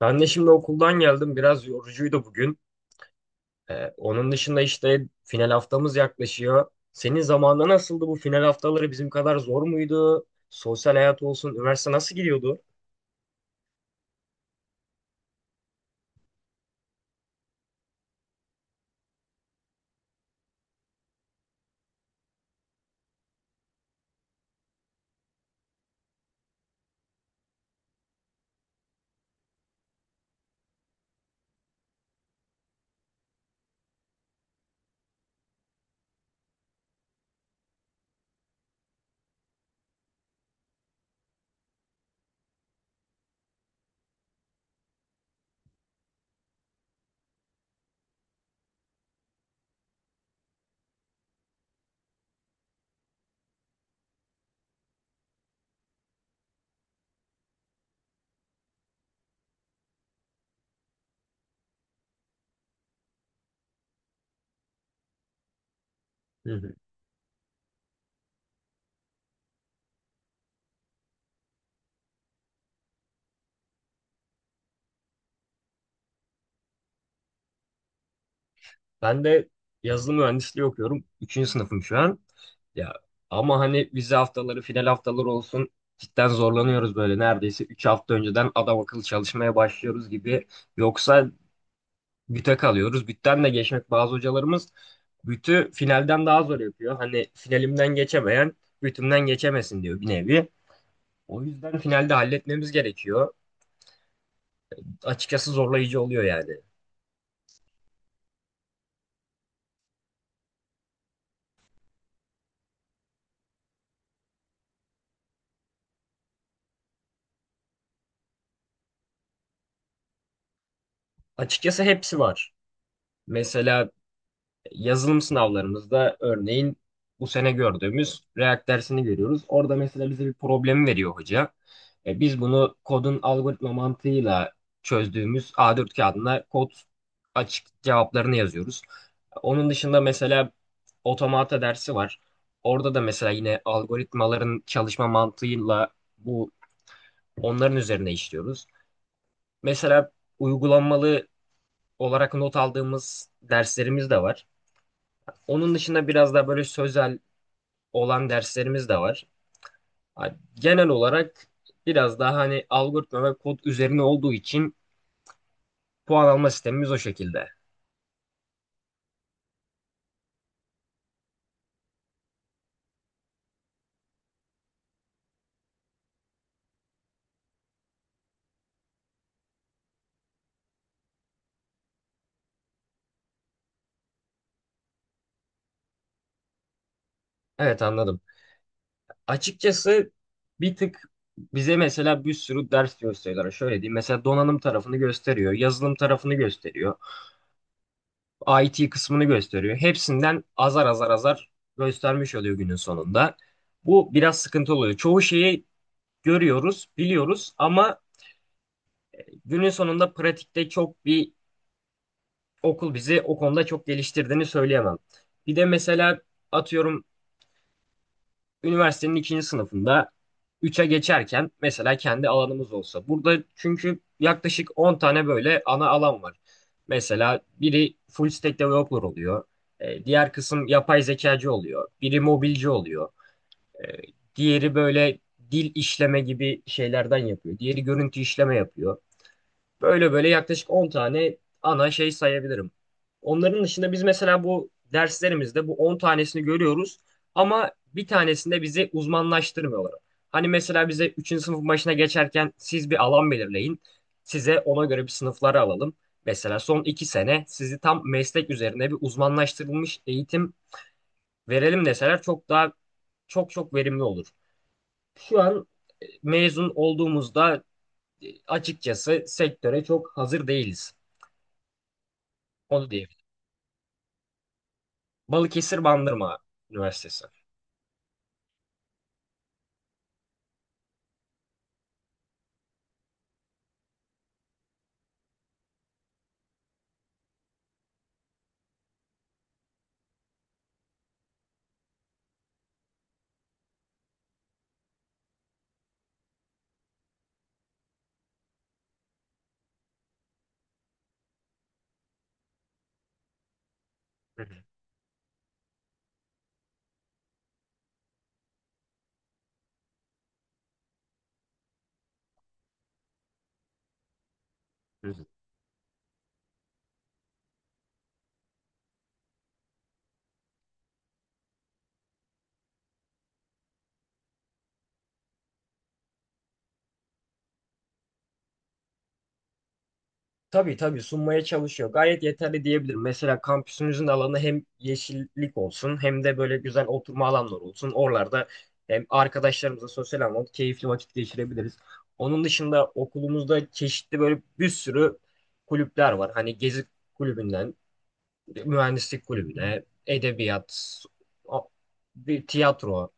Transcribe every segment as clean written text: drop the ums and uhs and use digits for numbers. Ben de şimdi okuldan geldim. Biraz yorucuydu bugün. Onun dışında işte final haftamız yaklaşıyor. Senin zamanında nasıldı bu final haftaları bizim kadar zor muydu? Sosyal hayat olsun, üniversite nasıl gidiyordu? Hı hı. Ben de yazılım mühendisliği okuyorum. Üçüncü sınıfım şu an. Ya, ama hani vize haftaları, final haftaları olsun cidden zorlanıyoruz böyle. Neredeyse 3 hafta önceden adam akıllı çalışmaya başlıyoruz gibi. Yoksa büte kalıyoruz. Bütten de geçmek, bazı hocalarımız bütü finalden daha zor yapıyor. Hani finalimden geçemeyen bütümden geçemesin diyor bir nevi. O yüzden finalde halletmemiz gerekiyor. Açıkçası zorlayıcı oluyor yani. Açıkçası hepsi var. Mesela yazılım sınavlarımızda örneğin bu sene gördüğümüz React dersini görüyoruz. Orada mesela bize bir problemi veriyor hoca. Biz bunu kodun algoritma mantığıyla çözdüğümüz A4 kağıdına kod açık cevaplarını yazıyoruz. Onun dışında mesela otomata dersi var. Orada da mesela yine algoritmaların çalışma mantığıyla bu onların üzerine işliyoruz. Mesela uygulanmalı olarak not aldığımız derslerimiz de var. Onun dışında biraz daha böyle sözel olan derslerimiz de var. Ha, Genel olarak biraz daha hani algoritma ve kod üzerine olduğu için puan alma sistemimiz o şekilde. Evet, anladım. Açıkçası bir tık bize mesela bir sürü ders gösteriyorlar. Şöyle diyeyim. Mesela donanım tarafını gösteriyor, yazılım tarafını gösteriyor, IT kısmını gösteriyor. Hepsinden azar azar azar göstermiş oluyor günün sonunda. Bu biraz sıkıntı oluyor. Çoğu şeyi görüyoruz, biliyoruz ama günün sonunda pratikte çok bir okul bizi o konuda çok geliştirdiğini söyleyemem. Bir de mesela atıyorum üniversitenin ikinci sınıfında 3'e geçerken mesela kendi alanımız olsa. Burada çünkü yaklaşık 10 tane böyle ana alan var. Mesela biri full stack developer oluyor. Diğer kısım yapay zekacı oluyor. Biri mobilci oluyor. E, Diğeri böyle dil işleme gibi şeylerden yapıyor. Diğeri görüntü işleme yapıyor. Böyle böyle yaklaşık 10 tane ana şey sayabilirim. Onların dışında biz mesela bu derslerimizde bu 10 tanesini görüyoruz ama bir tanesinde bizi uzmanlaştırmıyorlar. Hani mesela bize üçüncü sınıf başına geçerken siz bir alan belirleyin. Size ona göre bir sınıfları alalım. Mesela son 2 sene sizi tam meslek üzerine bir uzmanlaştırılmış eğitim verelim deseler çok daha çok çok verimli olur. Şu an mezun olduğumuzda açıkçası sektöre çok hazır değiliz. Onu diyebilirim. Balıkesir Bandırma Üniversitesi. Hı hı. Güzel. Tabii, tabii sunmaya çalışıyor. Gayet yeterli diyebilirim. Mesela kampüsümüzün alanı hem yeşillik olsun hem de böyle güzel oturma alanları olsun. Oralarda hem arkadaşlarımızla sosyal anlamda keyifli vakit geçirebiliriz. Onun dışında okulumuzda çeşitli böyle bir sürü kulüpler var. Hani gezi kulübünden, mühendislik kulübüne, edebiyat, o- bir tiyatro.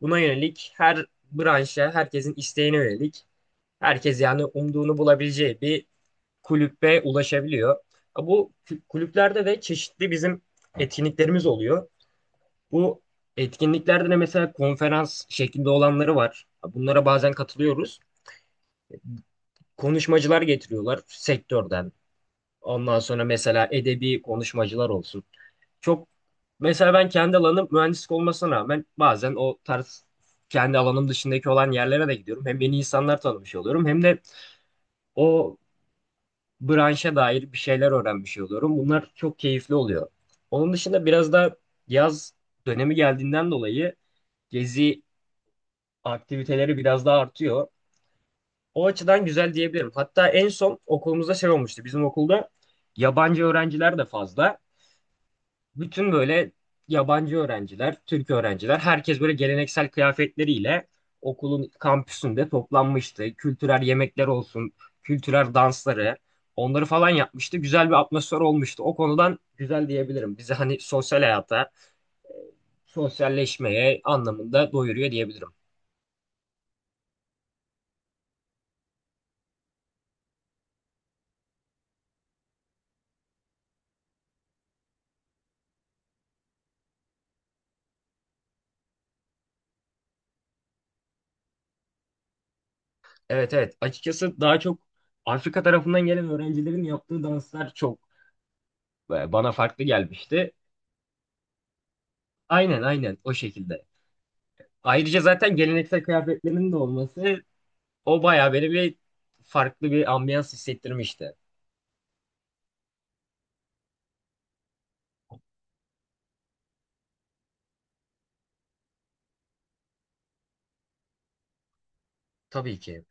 Buna yönelik her branşa, herkesin isteğine yönelik, herkes yani umduğunu bulabileceği bir kulübe ulaşabiliyor. Bu kulüplerde de çeşitli bizim etkinliklerimiz oluyor. Bu etkinliklerde de mesela konferans şeklinde olanları var. Bunlara bazen katılıyoruz. Konuşmacılar getiriyorlar sektörden. Ondan sonra mesela edebi konuşmacılar olsun. Çok, mesela ben kendi alanım mühendislik olmasına rağmen bazen o tarz kendi alanım dışındaki olan yerlere de gidiyorum. Hem yeni insanlar tanımış oluyorum hem de o branşa dair bir şeyler öğrenmiş oluyorum. Bunlar çok keyifli oluyor. Onun dışında biraz da yaz dönemi geldiğinden dolayı gezi aktiviteleri biraz daha artıyor. O açıdan güzel diyebilirim. Hatta en son okulumuzda şey olmuştu. Bizim okulda yabancı öğrenciler de fazla. Bütün böyle yabancı öğrenciler, Türk öğrenciler, herkes böyle geleneksel kıyafetleriyle okulun kampüsünde toplanmıştı. Kültürel yemekler olsun, kültürel dansları, onları falan yapmıştı. Güzel bir atmosfer olmuştu. O konudan güzel diyebilirim. Bizi hani sosyal hayata, sosyalleşmeye anlamında doyuruyor diyebilirim. Evet, evet. Açıkçası daha çok Afrika tarafından gelen öğrencilerin yaptığı danslar çok bana farklı gelmişti. Aynen, aynen, o şekilde. Ayrıca zaten geleneksel kıyafetlerinin de olması o bayağı böyle bir farklı bir ambiyans hissettirmişti. Tabii ki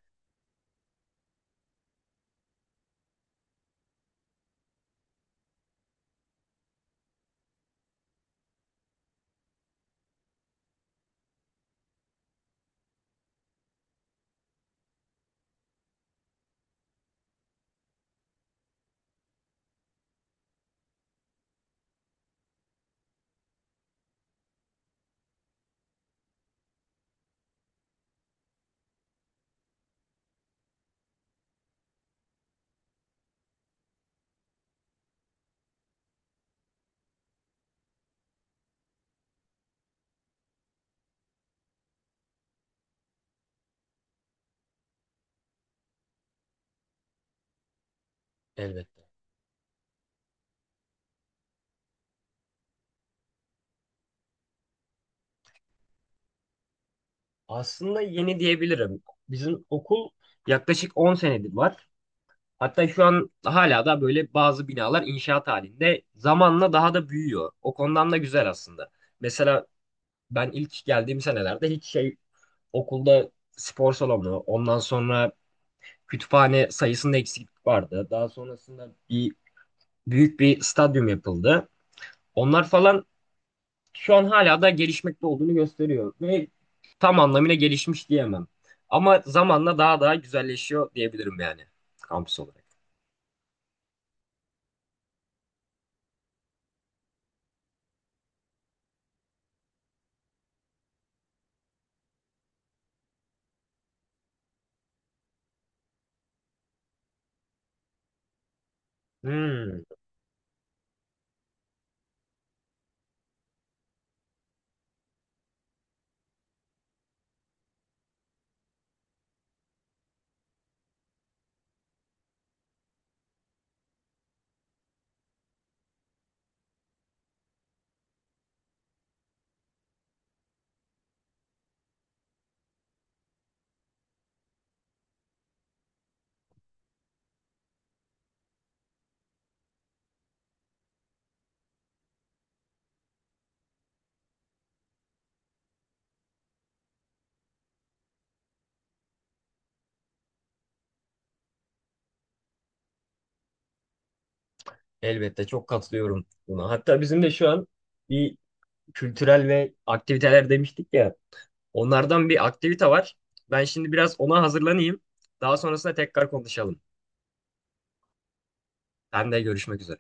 elbette. Aslında yeni diyebilirim. Bizim okul yaklaşık 10 senedir var. Hatta şu an hala da böyle bazı binalar inşaat halinde zamanla daha da büyüyor. O konudan da güzel aslında. Mesela ben ilk geldiğim senelerde hiç şey okulda spor salonu, ondan sonra kütüphane sayısında eksiklik vardı. Daha sonrasında bir büyük bir stadyum yapıldı. Onlar falan şu an hala da gelişmekte olduğunu gösteriyor ve tam anlamıyla gelişmiş diyemem. Ama zamanla daha daha güzelleşiyor diyebilirim yani kampüs olarak. Hmm, Elbette, çok katılıyorum buna. Hatta bizim de şu an bir kültürel ve aktiviteler demiştik ya. Onlardan bir aktivite var. Ben şimdi biraz ona hazırlanayım. Daha sonrasında tekrar konuşalım. Ben de görüşmek üzere.